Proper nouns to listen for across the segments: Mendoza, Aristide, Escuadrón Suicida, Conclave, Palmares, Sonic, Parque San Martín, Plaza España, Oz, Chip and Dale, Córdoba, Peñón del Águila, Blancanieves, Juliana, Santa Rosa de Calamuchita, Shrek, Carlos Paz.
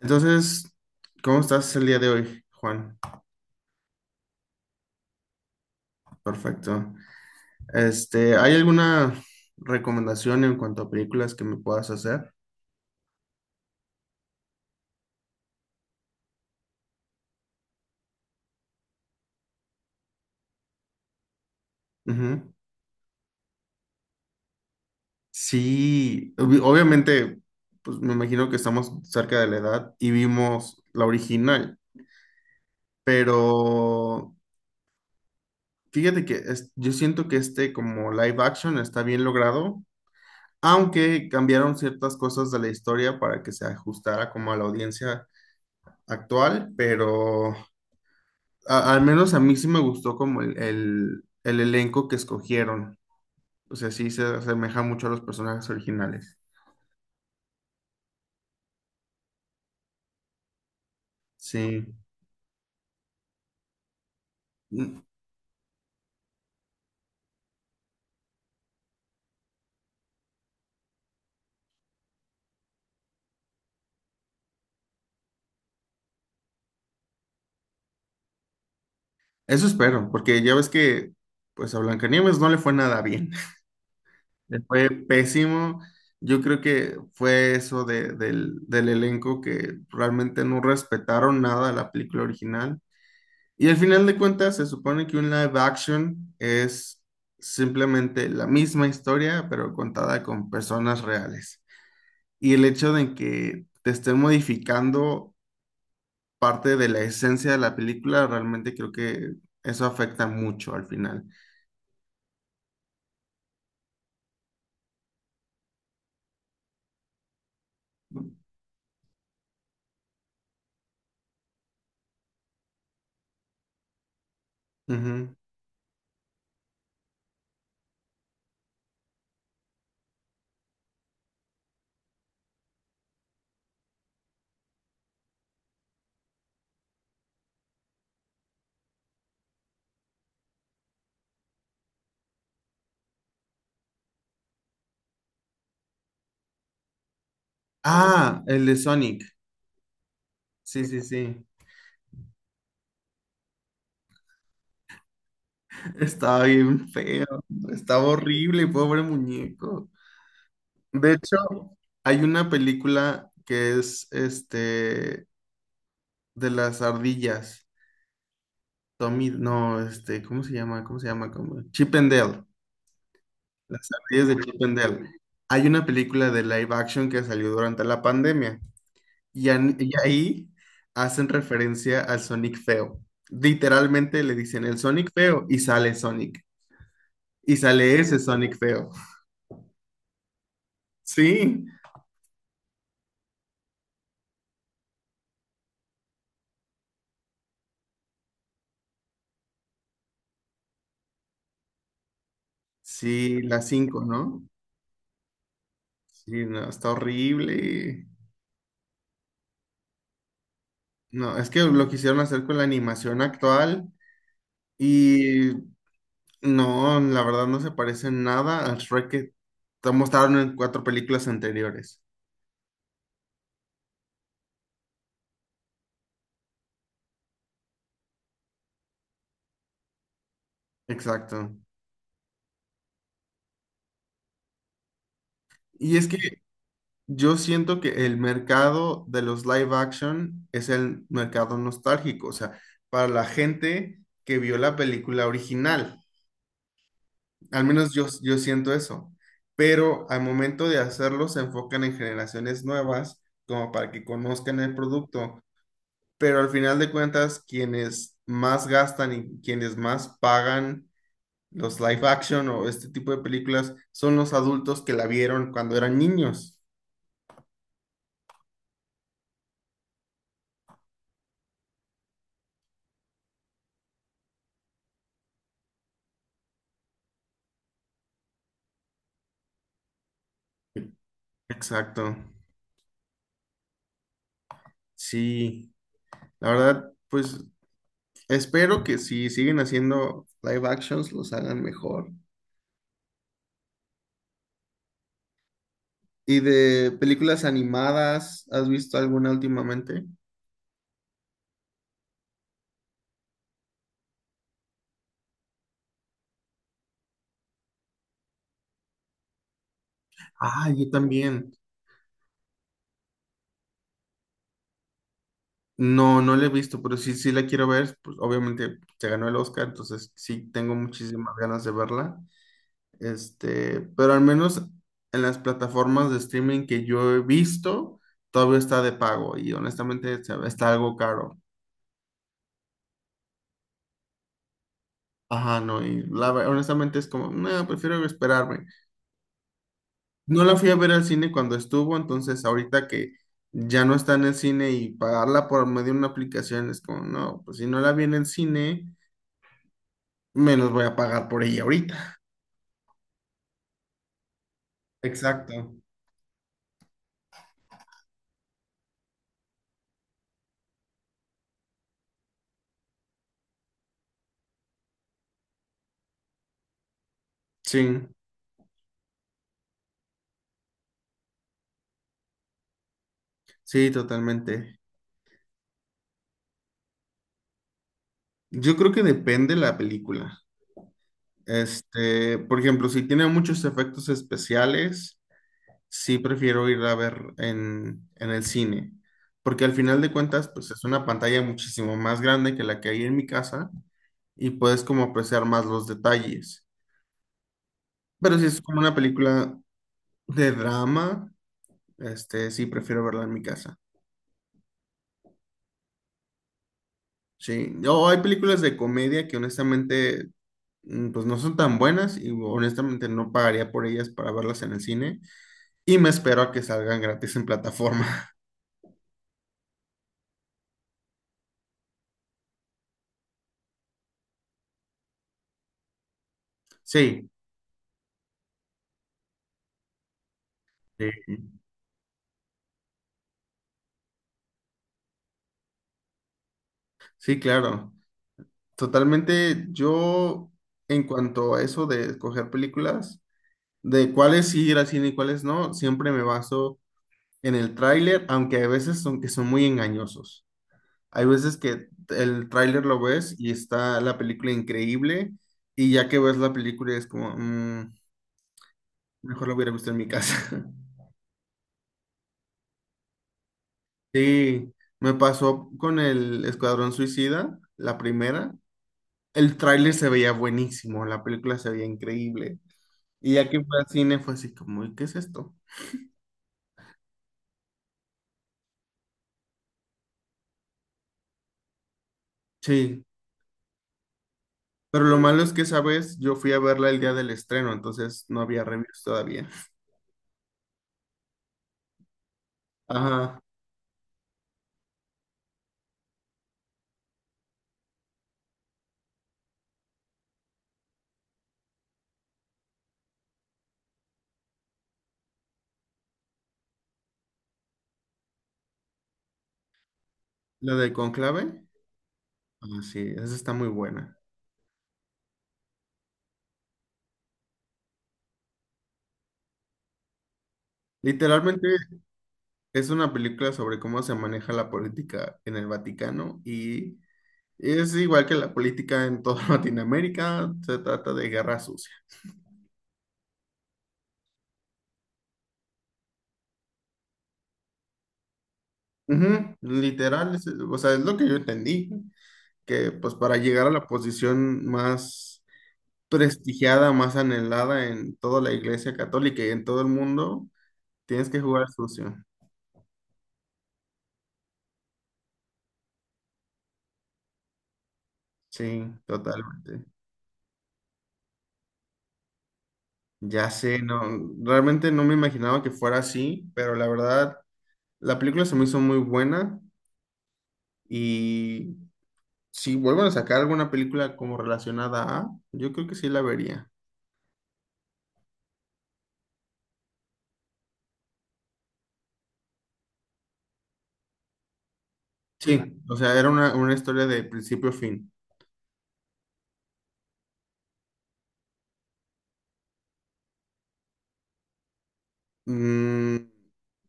Entonces, ¿cómo estás el día de hoy, Juan? Perfecto. ¿Hay alguna recomendación en cuanto a películas que me puedas hacer? Ujú. Sí, obviamente, pues me imagino que estamos cerca de la edad y vimos la original, pero fíjate que yo siento que este como live action está bien logrado, aunque cambiaron ciertas cosas de la historia para que se ajustara como a la audiencia actual, pero al menos a mí sí me gustó como el elenco que escogieron. O sea, sí se asemeja mucho a los personajes originales. Sí. Mm. Eso espero, porque ya ves que pues a Blancanieves no le fue nada bien. Le fue pésimo. Yo creo que fue eso del elenco que realmente no respetaron nada a la película original. Y al final de cuentas se supone que un live action es simplemente la misma historia, pero contada con personas reales. Y el hecho de que te estén modificando parte de la esencia de la película, realmente creo que eso afecta mucho al final. Ujú. Ah, el de Sonic. Sí, sí, sí. Estaba bien feo. Estaba horrible, pobre muñeco. De hecho, hay una película que es de las ardillas. Tommy, no, este, ¿cómo se llama? ¿Cómo se llama? ¿Cómo? Chip and Dale. Las ardillas de Chip and Dale. Hay una película de live action que salió durante la pandemia y, y ahí hacen referencia al Sonic feo. Literalmente le dicen el Sonic feo y sale Sonic. Y sale ese Sonic feo. Sí, sí, la cinco, ¿no? Sí, no, está horrible. No, es que lo quisieron hacer con la animación actual y no, la verdad no se parece en nada al Shrek que te mostraron en cuatro películas anteriores. Exacto. Y es que yo siento que el mercado de los live action es el mercado nostálgico, o sea, para la gente que vio la película original. Al menos yo, yo siento eso. Pero al momento de hacerlo se enfocan en generaciones nuevas, como para que conozcan el producto. Pero al final de cuentas, quienes más gastan y quienes más pagan los live action o este tipo de películas son los adultos que la vieron cuando eran niños. Exacto. Sí, la verdad, pues espero que si siguen haciendo live actions los hagan mejor. ¿Y de películas animadas, has visto alguna últimamente? Ah, yo también. No, no la he visto, pero sí, sí la quiero ver. Pues obviamente se ganó el Oscar, entonces sí tengo muchísimas ganas de verla. Este, pero al menos en las plataformas de streaming que yo he visto, todavía está de pago y honestamente está algo caro. Ajá, no, y la, honestamente es como, no, prefiero esperarme. No la fui a ver al cine cuando estuvo, entonces ahorita que ya no está en el cine y pagarla por medio de una aplicación es como, no, pues si no la vi en el cine, menos voy a pagar por ella ahorita. Exacto. Sí, sí, totalmente. Yo creo que depende la película. Este, por ejemplo, si tiene muchos efectos especiales. Sí prefiero ir a ver en el cine, porque al final de cuentas, pues es una pantalla muchísimo más grande que la que hay en mi casa y puedes como apreciar más los detalles. Pero si es como una película de drama, este, sí prefiero verla en mi casa. Sí, o hay películas de comedia que honestamente, pues no son tan buenas y honestamente no pagaría por ellas para verlas en el cine y me espero a que salgan gratis en plataforma. Sí, sí, sí, claro. Totalmente, yo en cuanto a eso de escoger películas, de cuáles sí ir al cine y cuáles no, siempre me baso en el tráiler, aunque a veces son que son muy engañosos. Hay veces que el tráiler lo ves y está la película increíble y ya que ves la película es como, "Mm, mejor la hubiera visto en mi casa". Sí, me pasó con el Escuadrón Suicida, la primera. El tráiler se veía buenísimo, la película se veía increíble. Y ya que fue al cine fue así como, ¿qué es esto? Sí, pero lo malo es que esa vez yo fui a verla el día del estreno, entonces no había reviews todavía. Ajá, la de Conclave, ah, sí, esa está muy buena. Literalmente es una película sobre cómo se maneja la política en el Vaticano y es igual que la política en toda Latinoamérica, se trata de guerra sucia. Ujú, literal, o sea, es lo que yo entendí, que pues para llegar a la posición más prestigiada, más anhelada en toda la iglesia católica y en todo el mundo, tienes que jugar sucio. Sí, totalmente. Ya sé, no, realmente no me imaginaba que fuera así, pero la verdad, la película se me hizo muy buena y si vuelven a sacar alguna película como relacionada a, yo creo que sí la vería. Sí, o sea, era una historia de principio a fin. Mm,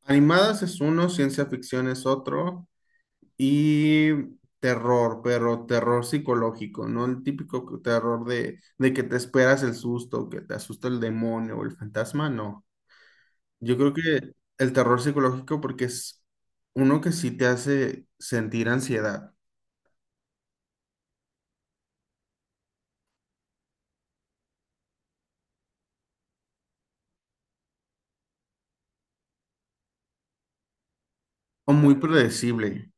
animadas es uno, ciencia ficción es otro. Y terror, pero terror psicológico, ¿no? El típico terror de que te esperas el susto, que te asusta el demonio o el fantasma, no. Yo creo que el terror psicológico porque es uno que sí te hace sentir ansiedad o muy predecible.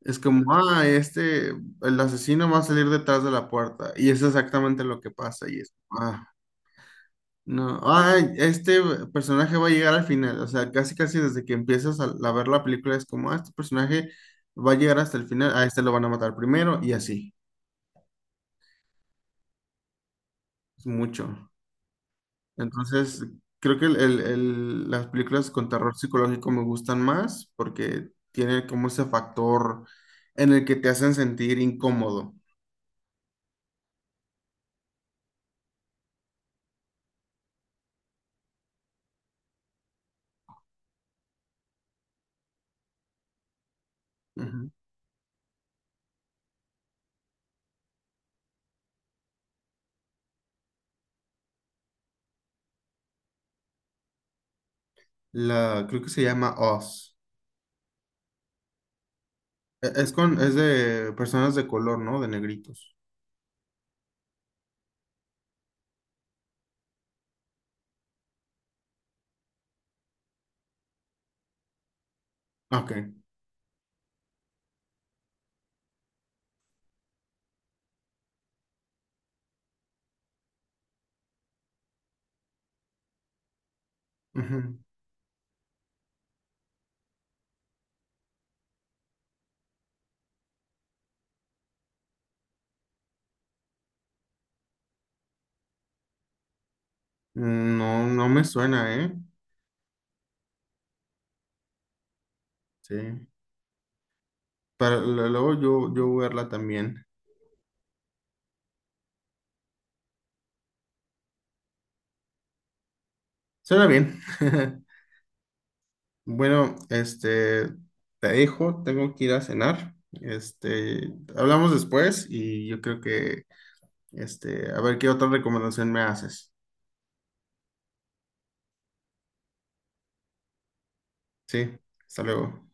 Es como, ah, este, el asesino va a salir detrás de la puerta y es exactamente lo que pasa y es, ah. No, ay, este personaje va a llegar al final, o sea, casi casi desde que empiezas a ver la película es como, ah, este personaje va a llegar hasta el final, a este lo van a matar primero y así, es mucho. Entonces, creo que las películas con terror psicológico me gustan más porque tiene como ese factor en el que te hacen sentir incómodo. Ujú. La, creo que se llama Oz. Es con, es de personas de color, ¿no? De negritos. Ok. Ujú. No, no me suena, ¿eh? Sí. Para, luego yo, yo voy a verla también. Suena bien. Bueno, este, te dejo, tengo que ir a cenar. Este, hablamos después y yo creo que, este, a ver qué otra recomendación me haces. Sí, hasta luego.